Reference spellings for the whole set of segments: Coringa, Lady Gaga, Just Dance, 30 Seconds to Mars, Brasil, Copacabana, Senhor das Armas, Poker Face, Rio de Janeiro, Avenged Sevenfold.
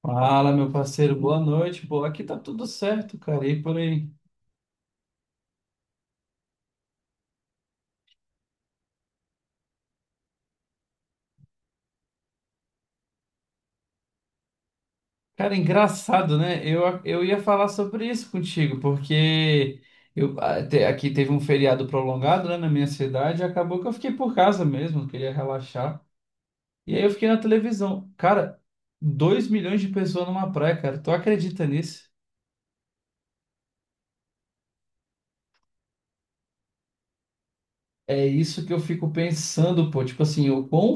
Fala, meu parceiro, boa noite. Pô, aqui tá tudo certo, cara. E por aí? Cara, engraçado, né? Eu ia falar sobre isso contigo, porque eu, aqui teve um feriado prolongado, né, na minha cidade, e acabou que eu fiquei por casa mesmo, queria relaxar. E aí eu fiquei na televisão. Cara, 2 milhões de pessoas numa praia, cara. Tu acredita nisso? É isso que eu fico pensando, pô. Tipo assim,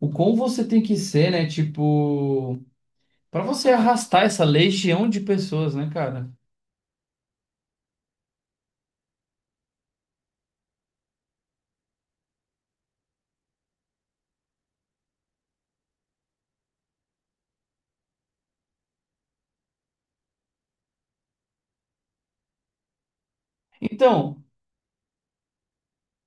o quão você tem que ser, né? Tipo, pra você arrastar essa legião de pessoas, né, cara? Então,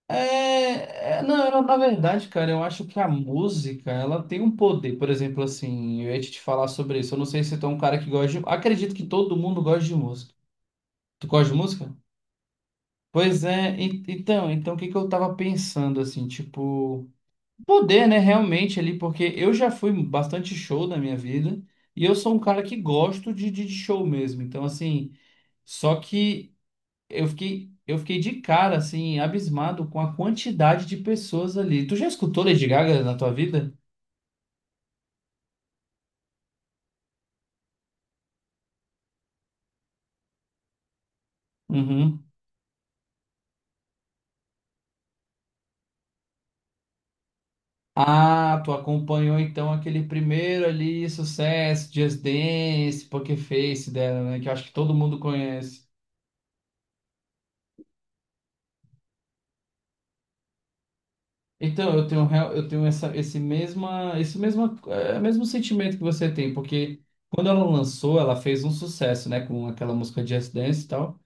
não, na verdade, cara, eu acho que a música, ela tem um poder. Por exemplo, assim, eu ia te falar sobre isso. Eu não sei se tu é um cara que gosta de... Acredito que todo mundo gosta de música. Tu gosta de música? Pois é, então, então o que que eu tava pensando, assim, tipo... Poder, né, realmente ali, porque eu já fui bastante show na minha vida. E eu sou um cara que gosto de, de show mesmo. Então, assim, só que... Eu fiquei de cara, assim, abismado com a quantidade de pessoas ali. Tu já escutou Lady Gaga na tua vida? Uhum. Ah, tu acompanhou então aquele primeiro ali, sucesso, Just Dance, Poker Face dela, né? Que eu acho que todo mundo conhece. Então, eu tenho, eu tenho essa, esse mesma, é, mesmo sentimento que você tem, porque quando ela lançou, ela fez um sucesso, né? Com aquela música Just Dance e tal.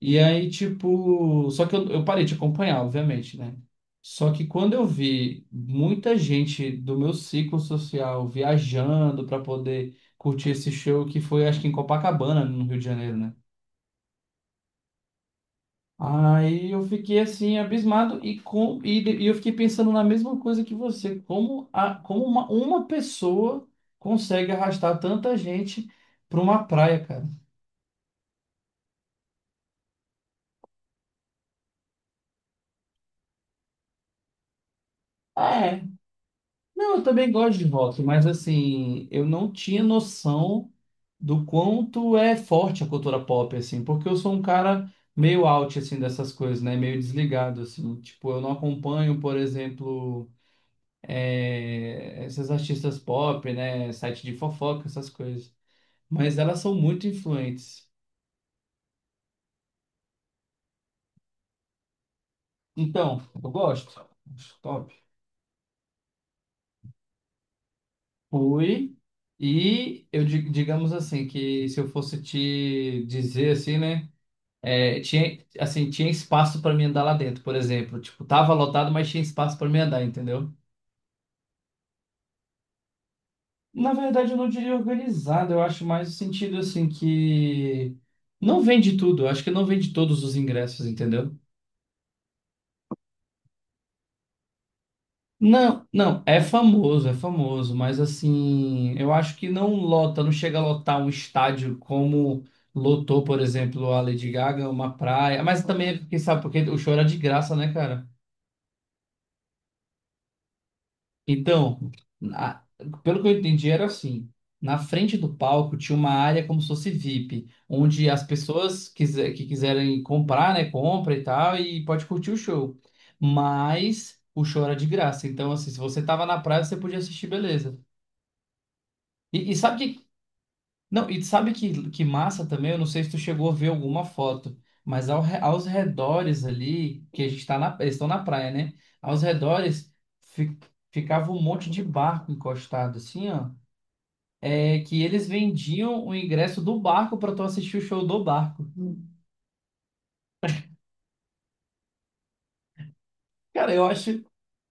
E aí, tipo, só que eu parei de acompanhar, obviamente, né? Só que quando eu vi muita gente do meu ciclo social viajando para poder curtir esse show, que foi, acho que em Copacabana, no Rio de Janeiro, né? Aí eu fiquei assim, abismado e eu fiquei pensando na mesma coisa que você, como uma pessoa consegue arrastar tanta gente para uma praia, cara. É, não, eu também gosto de rock, mas assim, eu não tinha noção do quanto é forte a cultura pop, assim, porque eu sou um cara meio out, assim, dessas coisas, né? Meio desligado, assim. Tipo, eu não acompanho, por exemplo, essas artistas pop, né? Site de fofoca, essas coisas. Mas elas são muito influentes. Então, eu gosto. Acho top. Fui. E eu, digamos assim, que se eu fosse te dizer assim, né? É, tinha, assim, tinha espaço para mim andar lá dentro, por exemplo. Tipo, tava lotado, mas tinha espaço para mim andar, entendeu? Na verdade, eu não diria organizado, eu acho mais o sentido, assim, que não vende tudo, eu acho que não vende todos os ingressos, entendeu? Não, não, é famoso, mas assim, eu acho que não lota, não chega a lotar um estádio como lotou, por exemplo, a Lady Gaga, uma praia, mas também, quem sabe, porque o show era de graça, né, cara? Então, na- pelo que eu entendi, era assim. Na frente do palco tinha uma área como se fosse VIP, onde as pessoas que quiserem comprar, né, compra e tal, e pode curtir o show. Mas o show era de graça. Então, assim, se você tava na praia, você podia assistir, beleza. E, e sabe o que não, e sabe que massa também? Eu não sei se tu chegou a ver alguma foto, mas aos redores ali, que a gente tá na, eles estão na praia, né? Aos redores fi- ficava um monte de barco encostado, assim, ó. É que eles vendiam o ingresso do barco para tu assistir o show do barco. Cara, eu acho,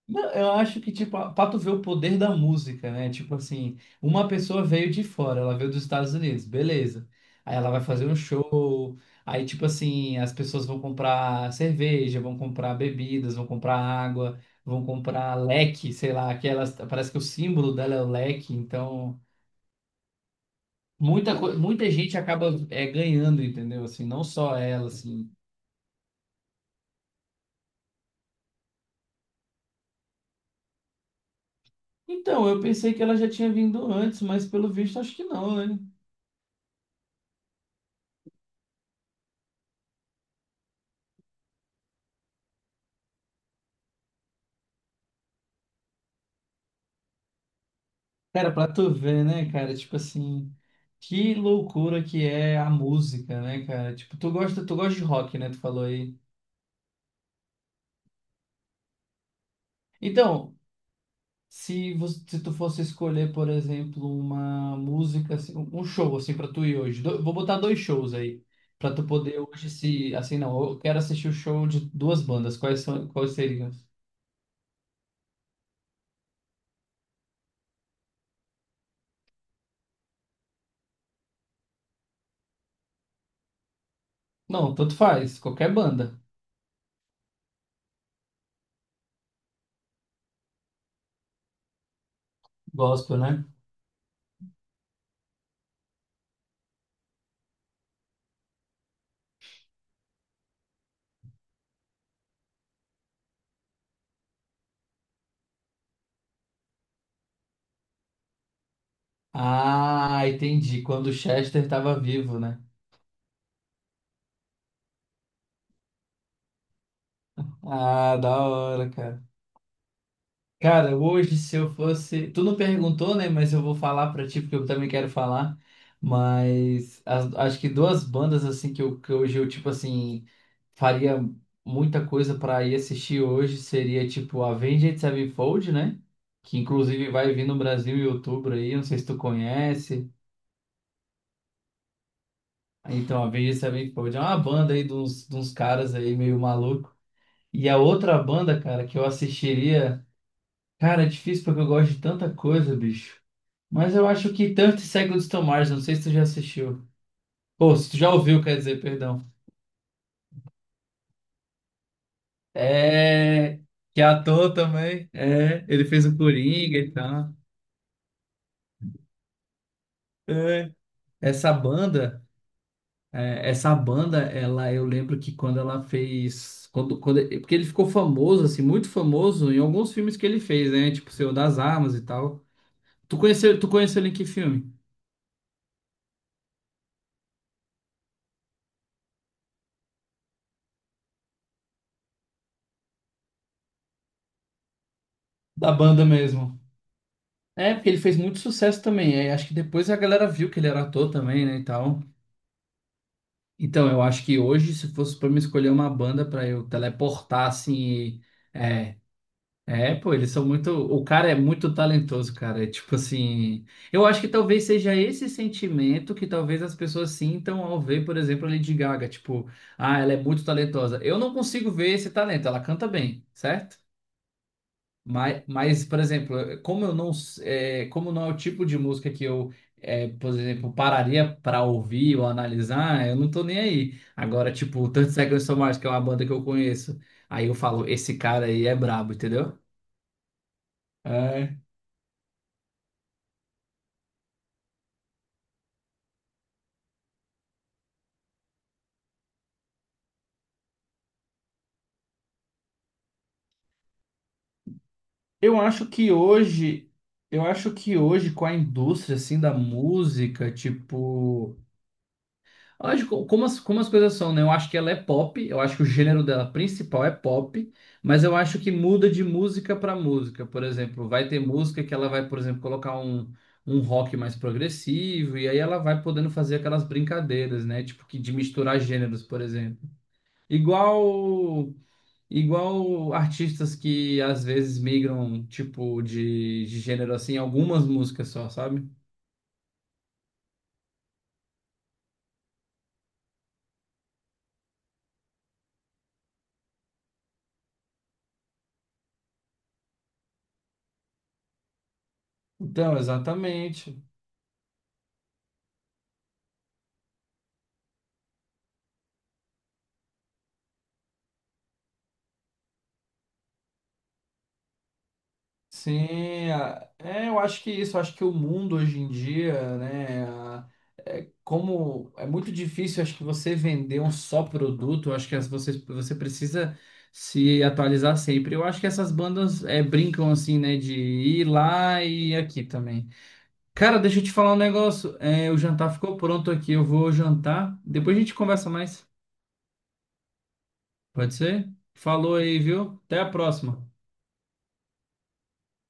Não, eu acho que, tipo, pra tu ver o poder da música, né? Tipo assim, uma pessoa veio de fora, ela veio dos Estados Unidos, beleza. Aí ela vai fazer um show, aí, tipo assim, as pessoas vão comprar cerveja, vão comprar bebidas, vão comprar água, vão comprar leque, sei lá, que elas, parece que o símbolo dela é o leque, então muita gente acaba é, ganhando, entendeu? Assim, não só ela, assim. Então, eu pensei que ela já tinha vindo antes, mas pelo visto acho que não, né? Cara, pra tu ver, né, cara? Tipo assim, que loucura que é a música, né, cara? Tipo, tu gosta de rock, né? Tu falou aí. Então, se você, se tu fosse escolher, por exemplo, uma música, assim, um show, assim, pra tu ir hoje. Vou botar dois shows aí. Pra tu poder hoje se. Assim, não, eu quero assistir o show de duas bandas. Quais são, quais seriam? Não, tanto faz, qualquer banda. Gospel, né? Ah, entendi. Quando o Chester tava vivo, né? Ah, da hora, cara. Cara, hoje se eu fosse. Tu não perguntou, né? Mas eu vou falar pra ti, porque eu também quero falar. Mas acho que duas bandas, assim, que, eu, que hoje eu, tipo assim, faria muita coisa pra ir assistir hoje seria, tipo, Avenged Sevenfold, né? Que inclusive vai vir no Brasil em outubro aí, não sei se tu conhece. Então, Avenged Sevenfold é uma banda aí de uns caras aí meio maluco. E a outra banda, cara, que eu assistiria. Cara, é difícil porque eu gosto de tanta coisa, bicho. Mas eu acho que tanto segue o Tomás, não sei se tu já assistiu. Ou se tu já ouviu, quer dizer, perdão. É. Que é ator também. É, ele fez o Coringa e tal. É. Essa banda, essa banda, ela, eu lembro que quando ela fez. Porque ele ficou famoso, assim, muito famoso em alguns filmes que ele fez, né? Tipo, Senhor das Armas e tal. Tu conheceu ele em que filme? Da banda mesmo. É, porque ele fez muito sucesso também. É, acho que depois a galera viu que ele era ator também, né, e tal. Então, eu acho que hoje, se fosse pra me escolher uma banda pra eu teleportar, assim, é, pô, eles são muito, o cara é muito talentoso, cara, é tipo assim, eu acho que talvez seja esse sentimento que talvez as pessoas sintam ao ver, por exemplo, a Lady Gaga, tipo, ah, ela é muito talentosa. Eu não consigo ver esse talento, ela canta bem, certo? Mas, por exemplo, como eu não, como não é o tipo de música que eu, é, por exemplo, pararia para ouvir ou analisar, eu não tô nem aí. Agora, tipo, 30 Seconds to Mars, que é uma banda que eu conheço, aí eu falo, esse cara aí é brabo, entendeu? É, eu acho que hoje, eu acho que hoje com a indústria assim da música, tipo lógico, como como as coisas são, né? Eu acho que ela é pop, eu acho que o gênero dela principal é pop, mas eu acho que muda de música para música. Por exemplo, vai ter música que ela vai, por exemplo, um rock mais progressivo, e aí ela vai podendo fazer aquelas brincadeiras, né? Tipo, que de misturar gêneros, por exemplo. Igual, igual artistas que às vezes migram, tipo, de gênero assim, em algumas músicas só, sabe? Então, exatamente. Sim, é, eu acho que é isso, eu acho que o mundo hoje em dia, né, como é muito difícil, acho que você vender um só produto, eu acho que você, você precisa se atualizar sempre. Eu acho que essas bandas é, brincam assim, né, de ir lá e aqui também. Cara, deixa eu te falar um negócio, é, o jantar ficou pronto aqui, eu vou jantar, depois a gente conversa mais, pode ser? Falou aí, viu? Até a próxima.